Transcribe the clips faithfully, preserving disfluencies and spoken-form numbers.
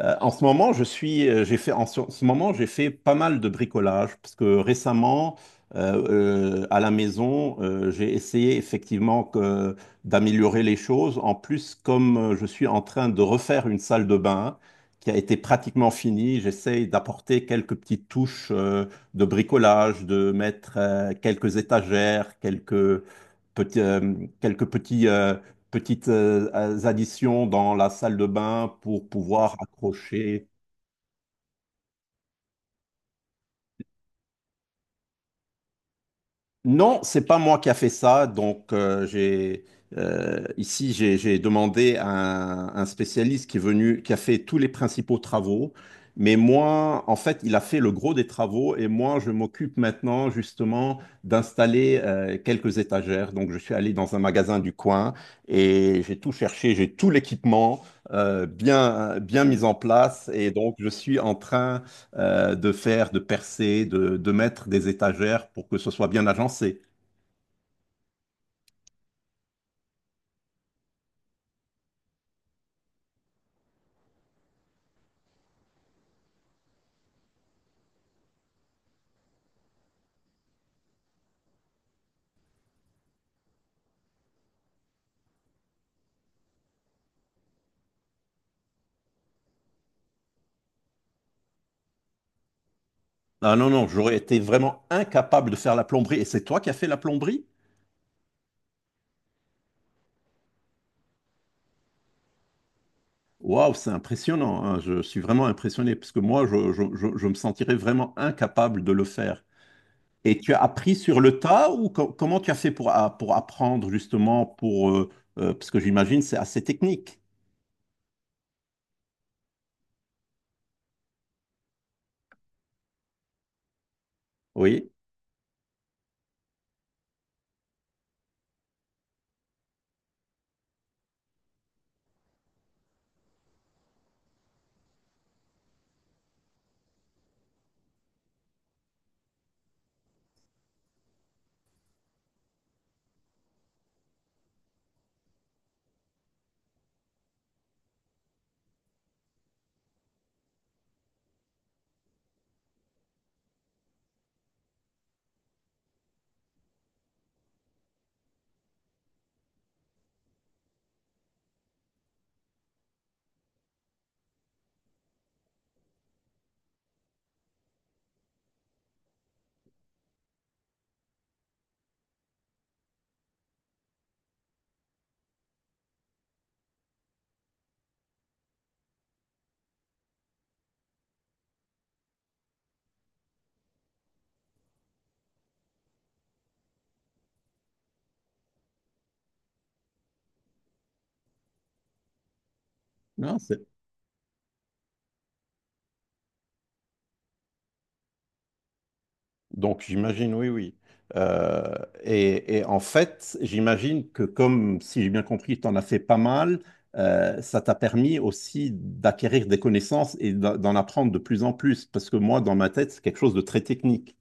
Euh, en ce moment, je suis, euh, j'ai fait, en ce, en ce moment, j'ai fait pas mal de bricolage parce que récemment, euh, euh, à la maison, euh, j'ai essayé effectivement que- d'améliorer les choses. En plus, comme euh, je suis en train de refaire une salle de bain qui a été pratiquement finie, j'essaye d'apporter quelques petites touches euh, de bricolage, de mettre euh, quelques étagères, quelques petits, euh, quelques petits euh, petites euh, additions dans la salle de bain pour pouvoir accrocher. Non, c'est pas moi qui a fait ça. Donc, euh, j'ai euh, ici j'ai j'ai demandé à un, un spécialiste qui est venu, qui a fait tous les principaux travaux. Mais moi, en fait, il a fait le gros des travaux et moi, je m'occupe maintenant justement d'installer euh, quelques étagères. Donc, je suis allé dans un magasin du coin et j'ai tout cherché, j'ai tout l'équipement euh, bien bien mis en place et donc je suis en train euh, de faire, de percer, de, de mettre des étagères pour que ce soit bien agencé. Ah non, non, j'aurais été vraiment incapable de faire la plomberie. Et c'est toi qui as fait la plomberie? Waouh, c'est impressionnant, hein. Je suis vraiment impressionné parce que moi, je, je- je- je me sentirais vraiment incapable de le faire. Et tu as appris sur le tas ou co- comment tu as fait pour, a- pour apprendre justement pour, euh, euh, parce que j'imagine c'est assez technique. Oui. Non, c'est- donc j'imagine, oui, oui. Euh, et, et en fait, j'imagine que comme, si j'ai bien compris, tu en as fait pas mal, euh, ça t'a permis aussi d'acquérir des connaissances et d'en d'en apprendre de plus en plus, parce que moi, dans ma tête, c'est quelque chose de très technique.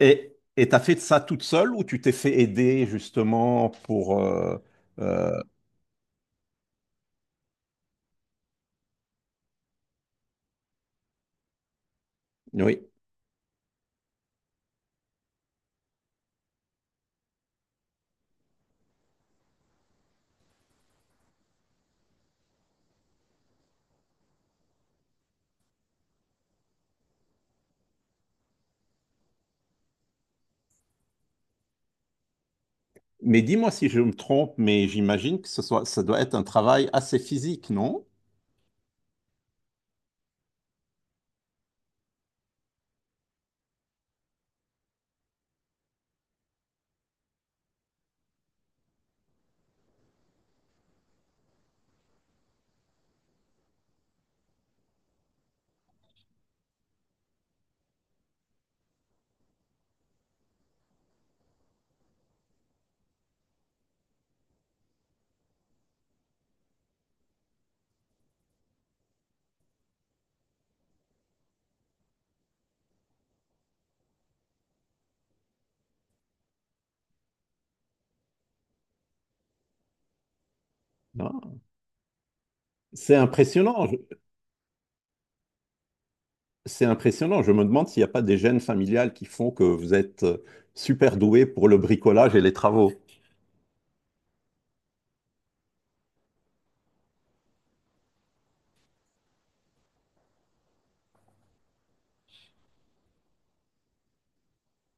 Et et t'as fait ça toute seule ou tu t'es fait aider justement pour... euh, euh, oui. Mais dis-moi si je me trompe, mais j'imagine que ce soit, ça doit être un travail assez physique, non? Non. C'est impressionnant. C'est impressionnant. Je me demande s'il n'y a pas des gènes familiales qui font que vous êtes euh, super doué pour le bricolage et les travaux.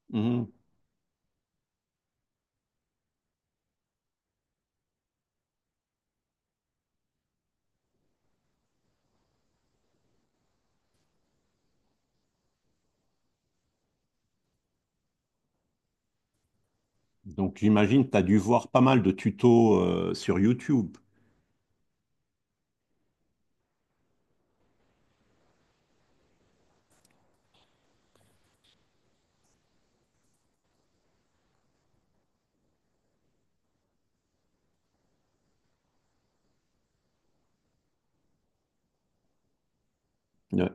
Mhm. Donc j'imagine que tu as dû voir pas mal de tutos euh, sur YouTube. Ouais.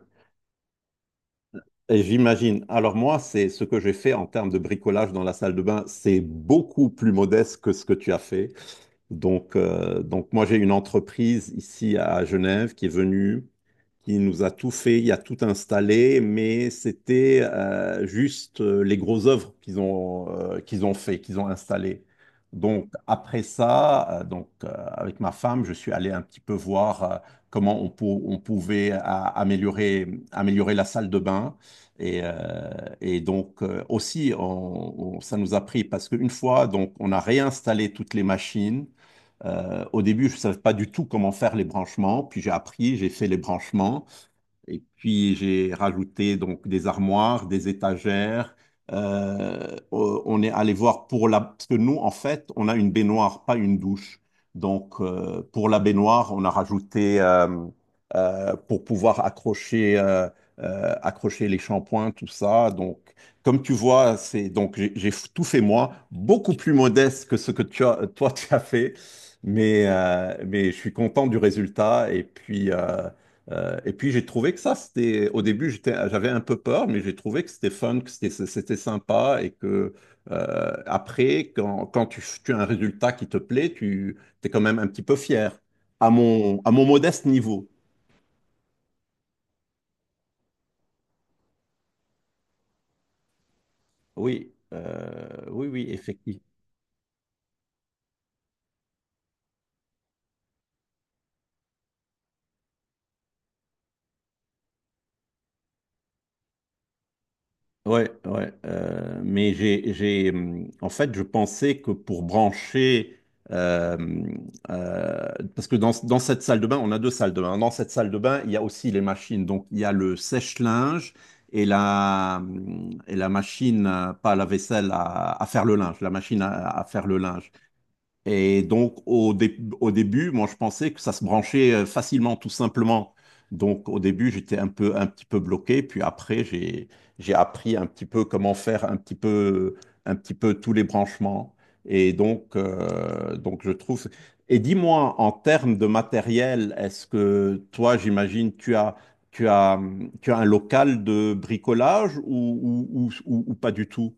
Et j'imagine. Alors moi, c'est ce que j'ai fait en termes de bricolage dans la salle de bain, c'est beaucoup plus modeste que ce que tu as fait. Donc, euh, donc moi, j'ai une entreprise ici à Genève qui est venue. Il nous a tout fait, il a tout installé, mais c'était euh, juste euh, les grosses œuvres qu'ils ont, euh, qu'ils ont fait, qu'ils ont installées. Donc après ça, euh, donc euh, avec ma femme, je suis allé un petit peu voir euh, comment on, pou- on pouvait euh, améliorer, améliorer la salle de bain. Et, euh, et donc euh, aussi, on- on- ça nous a pris parce qu'une fois, donc on a réinstallé toutes les machines. Euh, au début, je ne savais pas du tout comment faire les branchements, puis j'ai appris, j'ai fait les branchements. Et puis j'ai rajouté donc des armoires, des étagères. Euh, on est allé voir pour la... Parce que nous, en fait, on a une baignoire, pas une douche. Donc euh, pour la baignoire, on a rajouté euh, euh, pour pouvoir accrocher, euh, euh, accrocher les shampoings, tout ça. Donc comme tu vois, c'est donc j'ai j'ai tout fait moi, beaucoup plus modeste que ce que tu as- toi tu as fait. Mais, euh, mais je suis content du résultat et puis euh, euh, et puis j'ai trouvé que ça, c'était au début, j'étais, j'avais un peu peur, mais j'ai trouvé que c'était fun, que c'était, c'était sympa et que euh, après, quand, quand tu, tu as un résultat qui te plaît, tu es quand même un petit peu fier à mon, à mon modeste niveau. Oui, euh, oui, oui, effectivement. Ouais, ouais. Euh, mais j'ai, j'ai, hum, en fait, je pensais que pour brancher, euh, euh, parce que dans, dans cette salle de bain, on a deux salles de bain. Dans cette salle de bain, il y a aussi les machines. Donc, il y a le sèche-linge et la, hum, et la machine, euh, pas la vaisselle, à, à faire le linge, la machine à, à faire le linge. Et donc, au, dé- au début, moi, je pensais que ça se branchait euh, facilement, tout simplement. Donc, au début, j'étais un peu, un petit peu bloqué. Puis après, j'ai, j'ai appris un petit peu comment faire un petit peu, un petit peu tous les branchements. Et donc, euh, donc je trouve. Et dis-moi, en termes de matériel, est-ce que toi, j'imagine, tu as, tu as, tu as un local de bricolage ou, ou, ou, ou- ou pas du tout?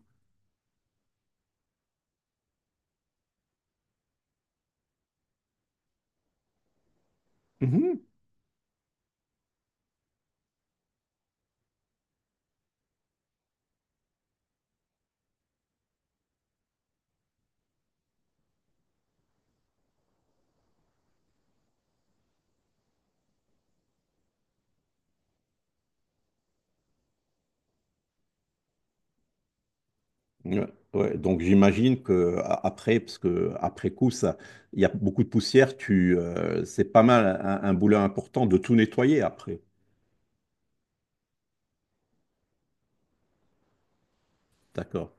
Ouais, ouais. Donc j'imagine que a- après, parce que après coup, ça, il y a beaucoup de poussière, tu, euh, c'est pas mal un, un boulot important de tout nettoyer après. D'accord.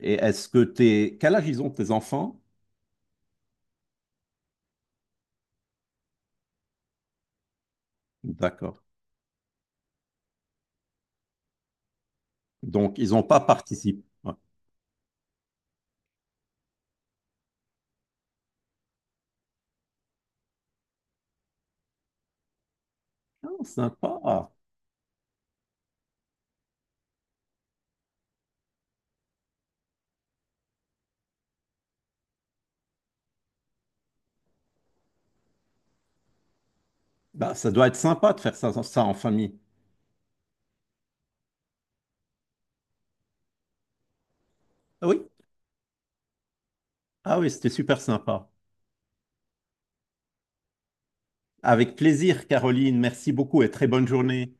Et est-ce que t'es, quel âge ils ont tes enfants? D'accord. Donc ils n'ont pas participé. Ouais. Ah, sympa. Ah, bah, ça doit être sympa de faire ça, ça en famille. Ah oui? Ah oui, c'était super sympa. Avec plaisir, Caroline. Merci beaucoup et très bonne journée.